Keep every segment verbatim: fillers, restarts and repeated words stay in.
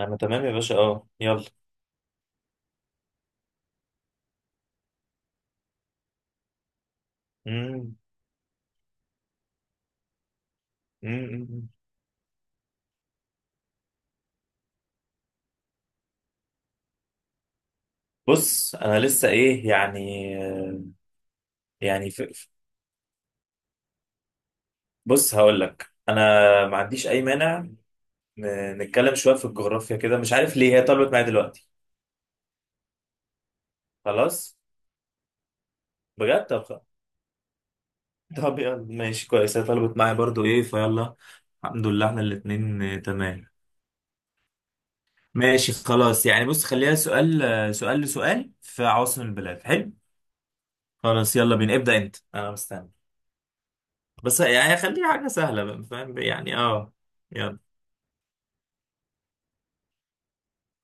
انا تمام يا باشا اه يلا. مم. مم. بص انا لسه ايه يعني. يعني ف... ف- بص هقول لك انا، ما عنديش اي مانع. ن- نتكلم شويه في الجغرافيا كده، مش عارف ليه هي طلبت معايا دلوقتي. خلاص. بجد، طب خ- طب يلا ماشي كويس، هي طلبت معايا برضو ايه فيلا. الحمد لله احنا الاتنين آه، تمام. ماشي خلاص، يعني بص خليها سؤال، آه، سؤال لسؤال في عواصم البلاد، حلو. خلاص يلا بينا، ابدأ انت، انا مستني. بس يعني خليه حاجة سهلة بقى، فاهم يعني اه يلا.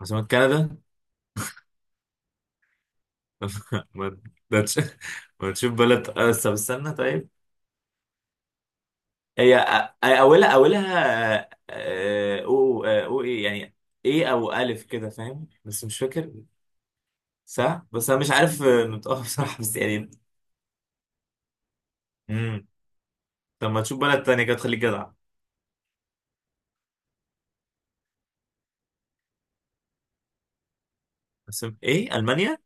عاصمة كندا؟ ما ما تش- ما تشوف بلد، بس طب استنى طيب. هي أ- أولها أولها آه، أو آه، أو إيه يعني؟ إيه أو ألف كده فاهم، بس مش فاكر. صح، بس أنا مش عارف آه، نطقها بصراحة بس يعني. مم. طب ما تشوف بلد تانية كده تخليك جدع. بس إيه؟ ألمانيا؟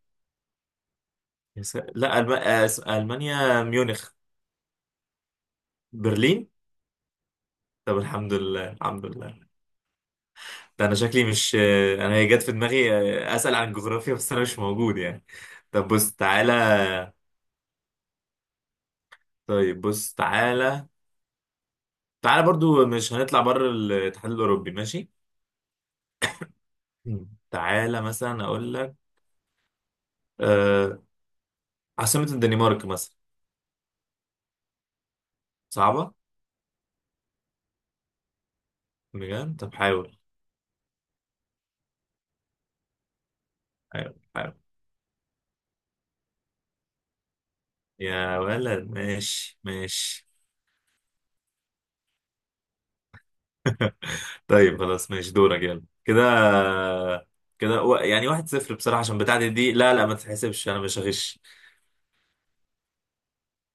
يا سا- لا، ألم... آه، ألمانيا ميونخ. برلين. طب الحمد لله الحمد لله، ده انا شكلي مش... انا هي جت في دماغي. آه، اسال عن الجغرافيا بس انا مش موجود يعني. طب بص تعالى. طيب بص تعالى، تعالى برضو، مش هنطلع بره الاتحاد الاوروبي ماشي. مم. تعالى مثلا اقول لك، آه... عاصمة الدنمارك مثلا. صعبة بجد؟ طب حاول، حاول حاول. يا ولد ماشي ماشي. طيب خلاص ماشي دورك يلا كده، كده و- يعني واحد صفر بصراحة، عشان بتاعتي دي، لا لا ما تتحسبش، انا مش هغش.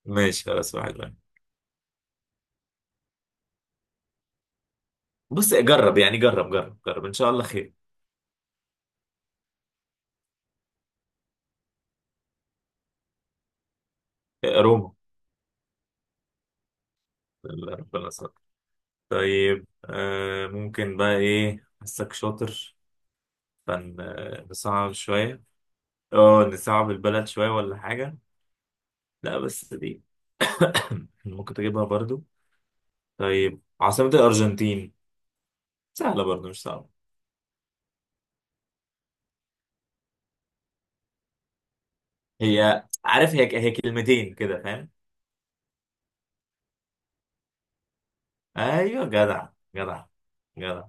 ماشي خلاص واحد. بص جرب يعني، جرب جرب جرب، ان شاء الله خير. روما. اللي ربنا ستر. طيب آه ممكن بقى، ايه حسك شاطر، فنصعب شوية. اه نصعب البلد شوية ولا حاجة؟ لا بس دي ممكن تجيبها برضو. طيب عاصمة الأرجنتين، سهلة برضو مش صعبة. هي عارف، هي هي كلمتين كده فاهم. ايوه جدع، جدع جدع.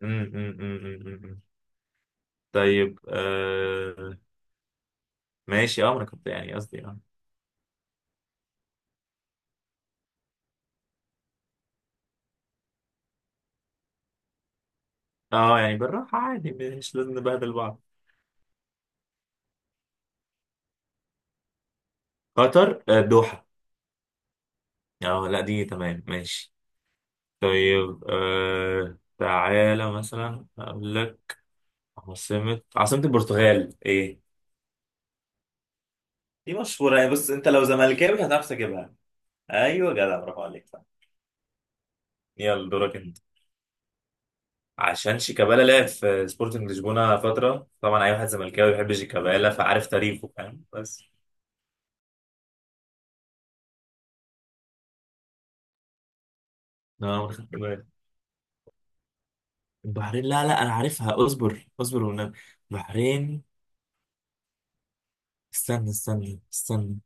م- م- م- م- م- م. طيب آه، ماشي. اه ما انا كنت يعني، قصدي اه اه، يعني بالراحة عادي، مش لازم نبهدل بعض. قطر، آه، الدوحة. اه، لا دي تمام ماشي. طيب آه، تعالى مثلا اقول لك عاصمة عاصمة البرتغال ايه. دي مشهورة يعني، بص انت لو زملكاوي هتعرف تجيبها. ايوه جدع، برافو عليك صح. يلا دورك انت. عشان شيكابالا لعب في سبورتنج لشبونة فترة، طبعا اي واحد زملكاوي بيحب شيكابالا فعارف تاريخه، فاهم بس. اه ما خدت بالي. البحرين، لا لا انا عارفها، اصبر اصبر والنبي. البحرين، استنى استنى استنى.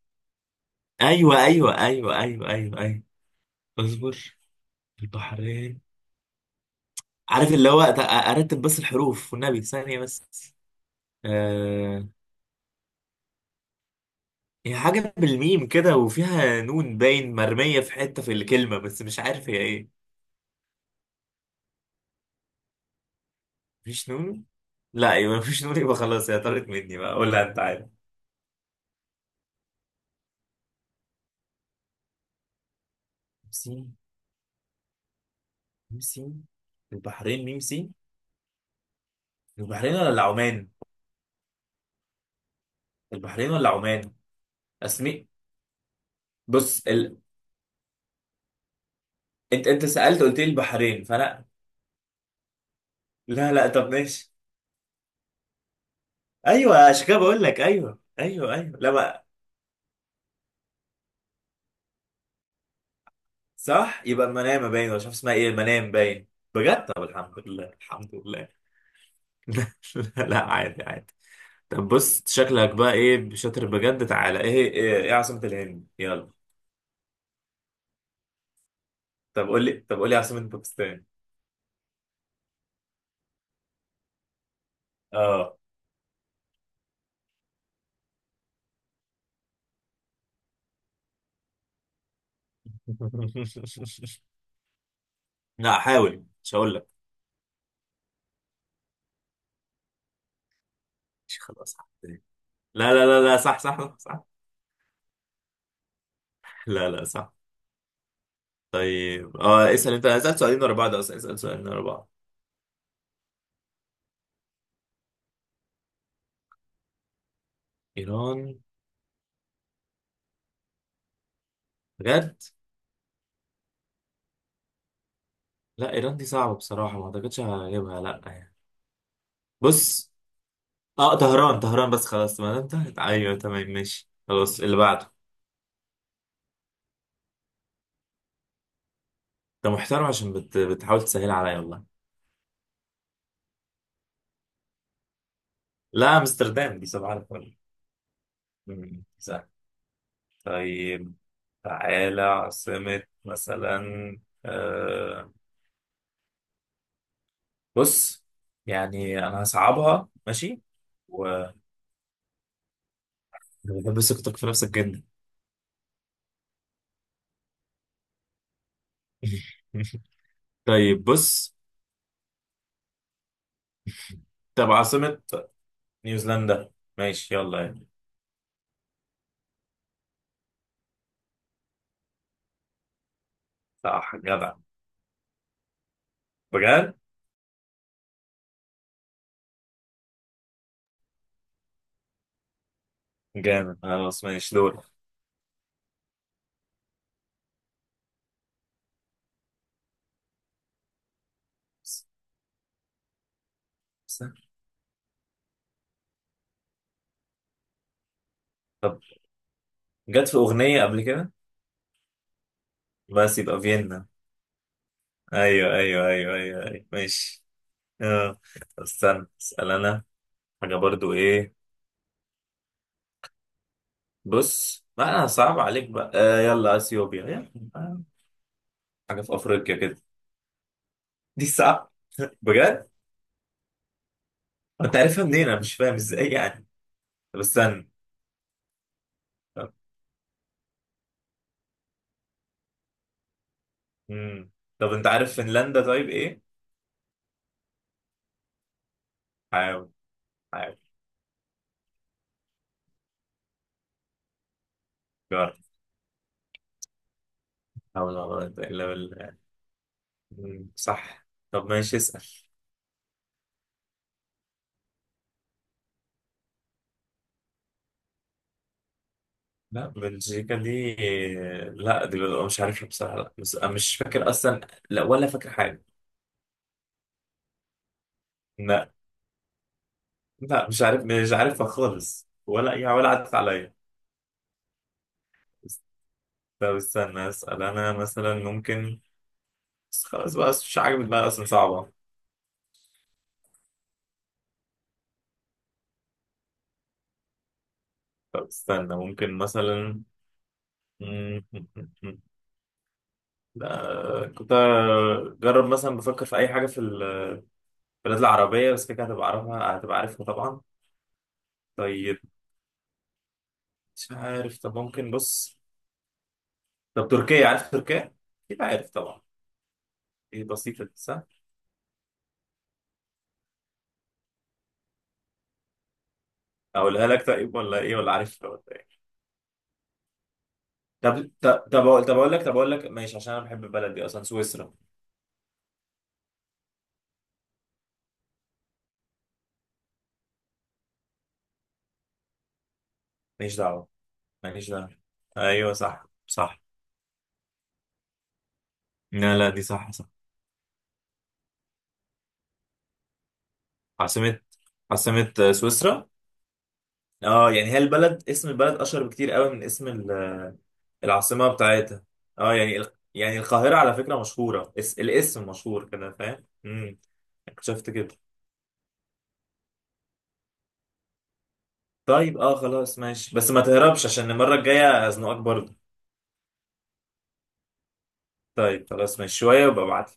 ايوه ايوه ايوه ايوه ايوه ايوه، اصبر. البحرين، عارف اللي هو أت- ارتب بس الحروف والنبي، ثانيه بس. آه... هي حاجه بالميم كده، وفيها نون باين، مرميه في حته في الكلمه، بس مش عارف هي ايه. مفيش نون؟ لا، يبقى مفيش نون، يبقى خلاص هي طارت مني بقى، قول لها انت عارف. ميم، ميمسي. البحرين ميمسي؟ البحرين ولا عمان؟ البحرين ولا عمان؟ اسمي. بص ال... انت انت سألت قلت لي البحرين فانا... لا لا طب ماشي. ايوه عشان كده بقول لك ايوه ايوه ايوه، لا بقى. صح، يبقى المنامه باين، ولا مش عارف اسمها ايه، المنام باين. بجد؟ طب الحمد لله الحمد لله. لا لا، عادي عادي. طب بص شكلك بقى ايه شاطر بجد، تعالى، ايه ايه, إيه عاصمة الهند يلا. طب قول لي، طب قول لي عاصمة باكستان. اه. لا حاول، مش هقول لك. مش خلاص حاضر. لا لا لا لا صح صح صح, صح. لا لا صح. طيب اه اسال انت، اسال سؤالين ورا بعض اصلا، اسال سؤالين ورا بعض. ايران، بجد؟ لا ايران دي صعبه بصراحه، ما اعتقدش هجيبها لا يعني. بص اه طهران، طهران بس خلاص، ما دام انتهت، ايوه تمام ماشي، خلاص اللي بعده. انت محترم، عشان بت... بتحاول تسهل عليا والله. لا امستردام دي صباح الفل. مم، سهل. طيب تعالى، عاصمة مثلا، آه، بص، يعني انا هصعبها ماشي، و أنا بحب ثقتك في نفسك جدا. طيب بص، طب عاصمة نيوزيلندا، ماشي يلا. صح جدع، بجد، جامد، خلاص ماشي دور. طب، جت في أغنية قبل كده، بس يبقى فيينا. أيوه أيوه أيوه أيوه, أيوه. ماشي. آه. طب استنى، اسأل أنا حاجة برضو إيه. بص ما أنا صعب عليك بقى، آه يلا أثيوبيا يلا. آه، حاجة في أفريقيا كده، دي صعب بجد، أنت عارفها منين، أنا مش فاهم إزاي يعني. طب استنى، طب، مم، طب أنت عارف فنلندا طيب إيه؟ حاول، حاول، جرب، حاول والله إلا بالله. مم، صح. طب ماشي، اسأل. لا بلجيكا دي، لا دي ببقى مش عارفها بصراحة، لا بس أنا مش فاكر أصلا، لا ولا فاكر حاجة، لا لا مش عارف مش عارفها خالص، ولا يا، ولا عدت عليا. بس- طب استنى أسأل أنا مثلا ممكن، بس خلاص بقى مش عاجبك بقى أصلا، صعبة. طب استنى ممكن مثلا، مم، مم، مم، مم. لا كنت أجرب مثلا بفكر في أي حاجة في البلاد العربية، بس كده هتبقى عارفها هتبقى عارفها طبعا. طيب، مش عارف، طب ممكن بص، طب تركيا عارف تركيا؟ أكيد عارف طبعا. ايه بسيطة دي، صح؟ أقولها لك طيب ولا إيه، ولا عارف ولا إيه؟ طب طب طب أقول طب أقول لك، طب أقول لك ماشي، عشان أنا بحب البلد دي أصلا، سويسرا. ماليش دعوة، ماليش دعوة. أيوه صح صح. لا لا، دي صح صح. عاصمة عاصمة آه، سويسرا. اه يعني هي البلد، اسم البلد أشهر بكتير قوي من اسم ال- آه، العاصمة بتاعتها. اه يعني ال- يعني القاهرة على فكرة مشهورة، اس... الاسم مشهور كده، فاهم؟ امم شفت كده. طيب اه خلاص ماشي، بس ما تهربش عشان المرة الجاية هزنقك برضه. طيب خلاص ماشي، شوية وابقى ابعت.